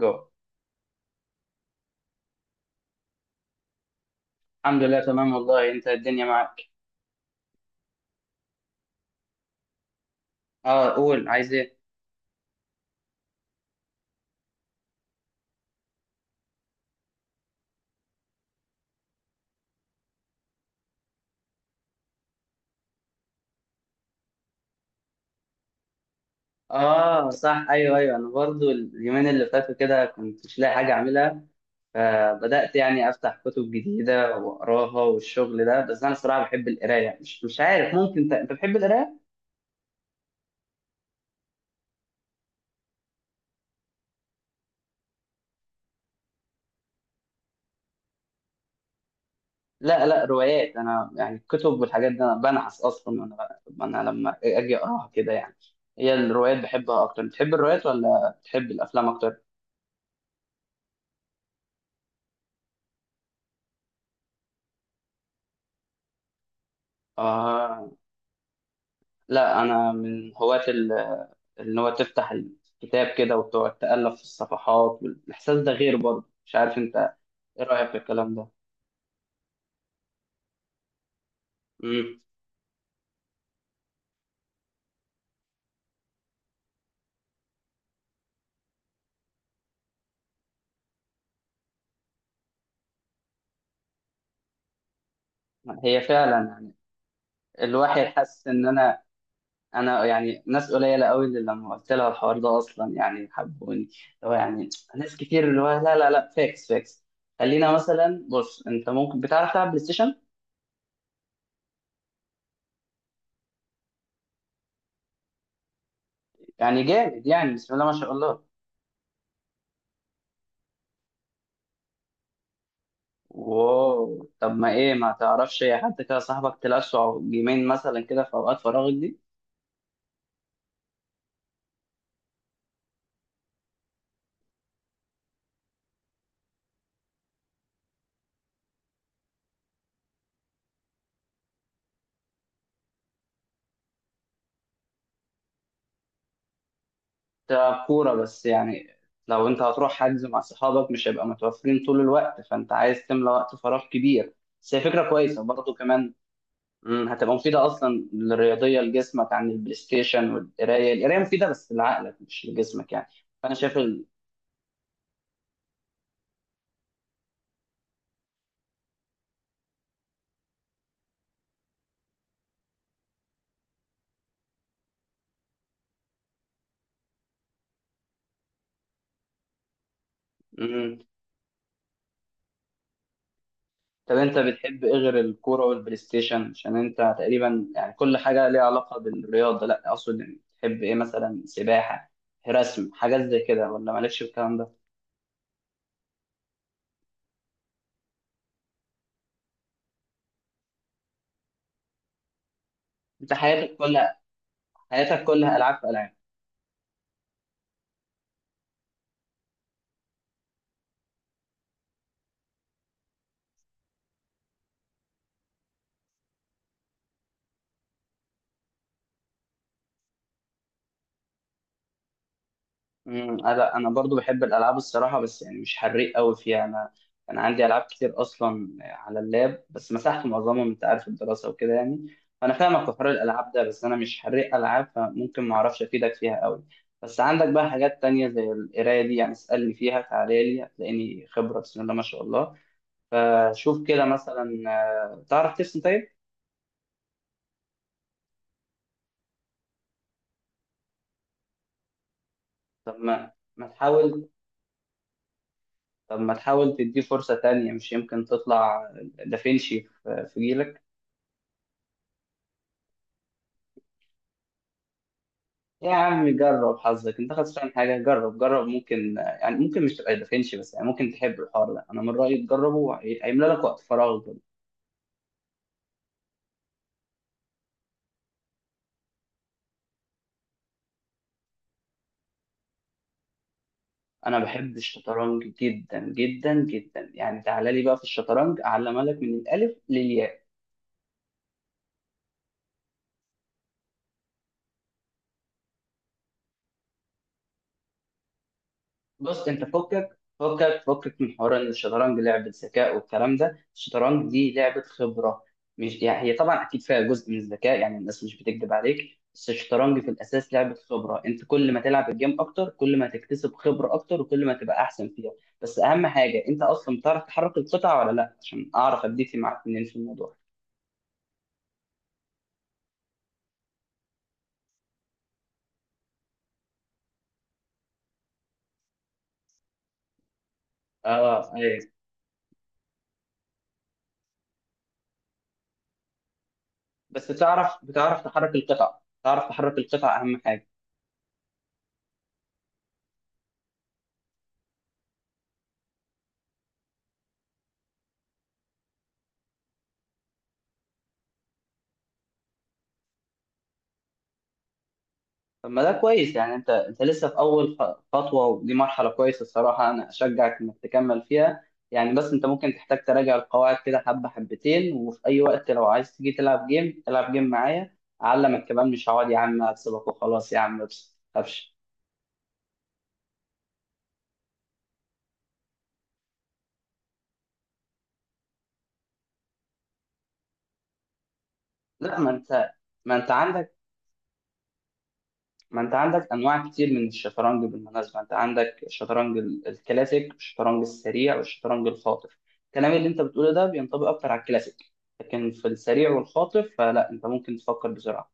جو، الحمد لله تمام، والله انت الدنيا معاك. اه، قول، عايز ايه؟ اه، صح، ايوه، ايوه، انا برضو اليومين اللي فاتوا كده كنت مش لاقي حاجه اعملها. فبدات يعني افتح كتب جديده واقراها والشغل ده. بس انا صراحه بحب القرايه. مش عارف، ممكن انت بتحب القرايه؟ لا، لا، روايات. انا يعني الكتب والحاجات دي انا بنعس اصلا. وانا لما اجي اقراها كده يعني، هي الروايات بحبها اكتر. بتحب الروايات ولا بتحب الافلام اكتر؟ اه، لا، انا من هواة ان هو تفتح الكتاب كده وتقعد تألف في الصفحات، والاحساس ده غير برضه، مش عارف انت. ايه رأيك في الكلام ده؟ امم هي فعلا يعني، الواحد حس ان انا يعني ناس قليله قوي اللي لما قلت لها الحوار ده اصلا يعني حبوني. هو يعني ناس كتير اللي هو لا، لا، لا، فاكس، فاكس. خلينا مثلا، بص، انت ممكن بتعرف تلعب بلاي ستيشن؟ يعني جامد، يعني بسم الله ما شاء الله. واو، طب ما ايه، ما تعرفش يا حد كده صاحبك تلعب جيمين مثلا كده في اوقات فراغك دي؟ ده كورة بس يعني. لو انت هتروح حجز مع صحابك مش هيبقى متوفرين طول الوقت، فانت عايز تملى وقت فراغ كبير. بس هي فكرة كويسة برضو كمان. هتبقى مفيدة أصلا للرياضية لجسمك عن البلاي ستيشن، والقراية. القراية مفيدة بس لعقلك مش لجسمك يعني. فأنا شايف. مم. طب، أنت بتحب إيه غير الكورة والبلاي ستيشن؟ عشان أنت تقريبا يعني كل حاجة ليها علاقة بالرياضة. لا، أقصد يعني تحب إيه مثلا؟ سباحة، رسم، حاجات زي كده، ولا مالكش في الكلام ده؟ انت حياتك كلها العاب في العاب. لا، انا برضو بحب الالعاب الصراحه، بس يعني مش حريق قوي فيها انا. انا عندي العاب كتير اصلا على اللاب بس مسحت معظمهم، انت عارف الدراسه وكده يعني. فانا فاهمك في حوار الالعاب ده، بس انا مش حريق العاب، فممكن ما اعرفش افيدك فيها قوي. بس عندك بقى حاجات تانية زي القرايه دي يعني، اسالني فيها، تعالى لي هتلاقيني خبره بسم الله ما شاء الله. فشوف كده مثلا. تعرف ترسم؟ طيب. طب ما ما تحاول طب ما تحاول تديه فرصة تانية، مش يمكن تطلع دافنشي في جيلك؟ يا عم جرب حظك، انت خسران حاجة؟ جرب، جرب. ممكن يعني، ممكن مش تبقى دافنشي، بس يعني ممكن تحب الحوار ده. انا من رأيي تجربه، هيملى لك وقت فراغ برضه. انا بحب الشطرنج جدا جدا جدا يعني. تعالى لي بقى في الشطرنج، اعلمها لك من الالف للياء. بص، انت فكك، فكك، فكك من حوار ان الشطرنج لعبه ذكاء والكلام ده. الشطرنج دي لعبه خبره. مش يعني هي طبعا اكيد فيها جزء من الذكاء، يعني الناس مش بتكذب عليك، بس الشطرنج في الاساس لعبه خبره. انت كل ما تلعب الجيم اكتر كل ما تكتسب خبره اكتر، وكل ما تبقى احسن فيها. بس اهم حاجه، انت اصلا بتعرف تحرك القطع ولا لا؟ عشان اعرف اديتي معاك منين في الموضوع. اه، ايوه. بس بتعرف تحرك القطع، تعرف تحرك القطع اهم حاجه. طب ما ده كويس يعني. انت لسه في اول خطوه، ودي مرحله كويسه الصراحه، انا اشجعك انك تكمل فيها. يعني بس انت ممكن تحتاج تراجع القواعد كده حبه حبتين، وفي اي وقت لو عايز تيجي تلعب جيم، العب جيم معايا، اعلمك كمان. مش هقعد يا عم اكسبك وخلاص يا عم، بس ما تخافش. لا، ما انت عندك ما انت عندك انواع كتير من الشطرنج بالمناسبه. انت عندك الشطرنج الكلاسيك، الشطرنج السريع، والشطرنج الخاطف. الكلام اللي انت بتقوله ده بينطبق اكتر على الكلاسيك. لكن في السريع والخاطف فلا، انت ممكن تفكر بسرعه.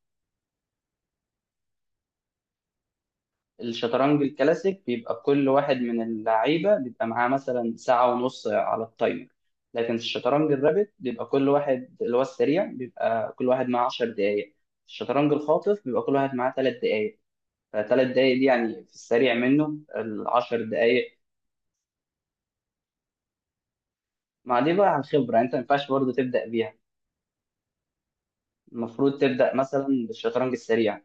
الشطرنج الكلاسيك بيبقى كل واحد من اللعيبه بيبقى معاه مثلا ساعه ونص على التايمر. لكن الشطرنج الرابت، بيبقى كل واحد اللي هو السريع بيبقى كل واحد معاه 10 دقائق. الشطرنج الخاطف بيبقى كل واحد معاه 3 دقائق. فثلاث دقائق دي يعني، في السريع منه الـ10 دقائق. ما دي بقى عن خبرة، انت ما ينفعش برضه تبدأ بيها. المفروض تبدأ مثلا بالشطرنج السريع،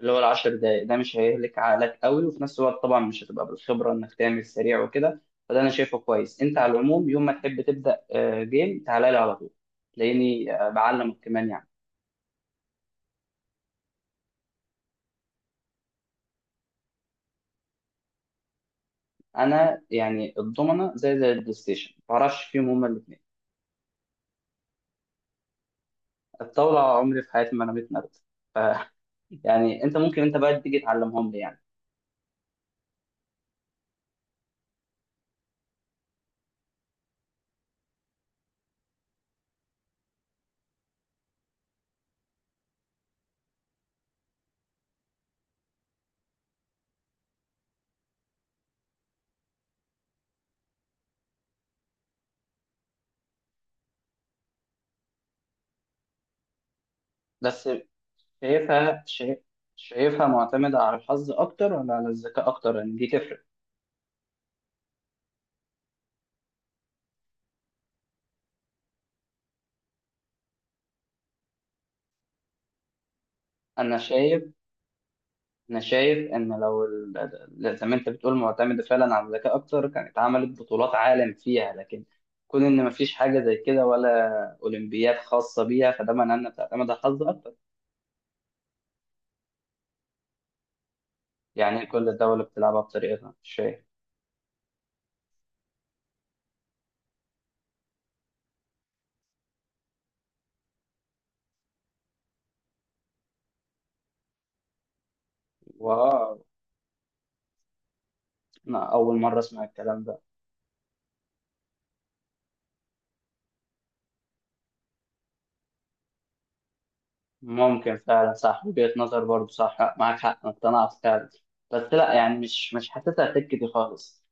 اللي هو الـ10 دقايق. ده مش هيهلك عقلك قوي، وفي نفس الوقت طبعا مش هتبقى بالخبرة انك تعمل سريع وكده. فده انا شايفه كويس. انت على العموم، يوم ما تحب تبدأ جيم، تعالى لي على طول، تلاقيني بعلمك كمان يعني. انا يعني الضمنة زي البلاي ستيشن ما بعرفش فيهم هما الاثنين. الطاولة عمري في حياتي ما رميت نرد. ف يعني انت بقى تيجي تعلمهم لي يعني. بس شايفها شايف شايفها معتمدة على الحظ أكتر ولا على الذكاء أكتر؟ لأن دي تفرق. أنا شايف أنا شايف إن لو زي ما أنت بتقول معتمدة فعلا على الذكاء أكتر، كانت عملت بطولات عالم فيها. لكن كون إن مفيش حاجة زي كده، ولا أولمبياد خاصة بيها، فده معناه إنها بتعتمد على الحظ أكتر. يعني كل دولة بتلعبها بطريقتها، مش شايف؟ واو، أنا أول مرة أسمع الكلام ده. ممكن فعلا، صح وجهة نظر برضو، صح معاك حق، أنا اقتنعت فعلا. بس لا يعني مش حاسسها سكة دي خالص.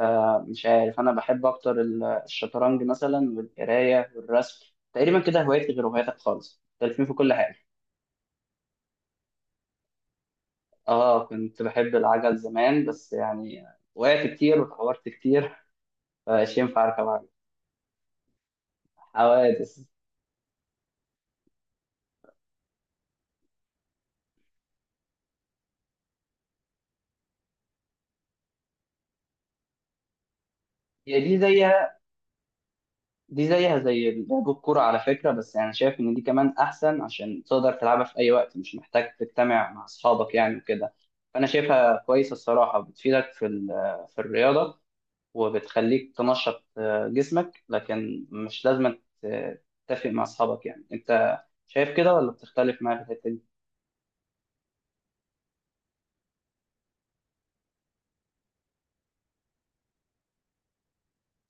مش عارف، أنا بحب أكتر الشطرنج مثلا والقراية والرسم. تقريبا كده هوايتي غير هواياتك خالص، مختلفين في كل حاجة. كنت بحب العجل زمان، بس يعني وقعت كتير واتعورت كتير، فمش ينفع أركب عجل. حوادث. هي دي زي دي زيها زي لعب الكورة على فكرة. بس يعني شايف إن دي كمان أحسن، عشان تقدر تلعبها في أي وقت، مش محتاج تجتمع مع أصحابك يعني وكده. فأنا شايفها كويسة الصراحة، بتفيدك في في الرياضة، وبتخليك تنشط جسمك، لكن مش لازم تتفق مع أصحابك. يعني أنت شايف كده ولا بتختلف معايا في الحتة دي؟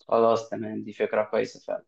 خلاص تمام، دي فكرة كويسة فعلا.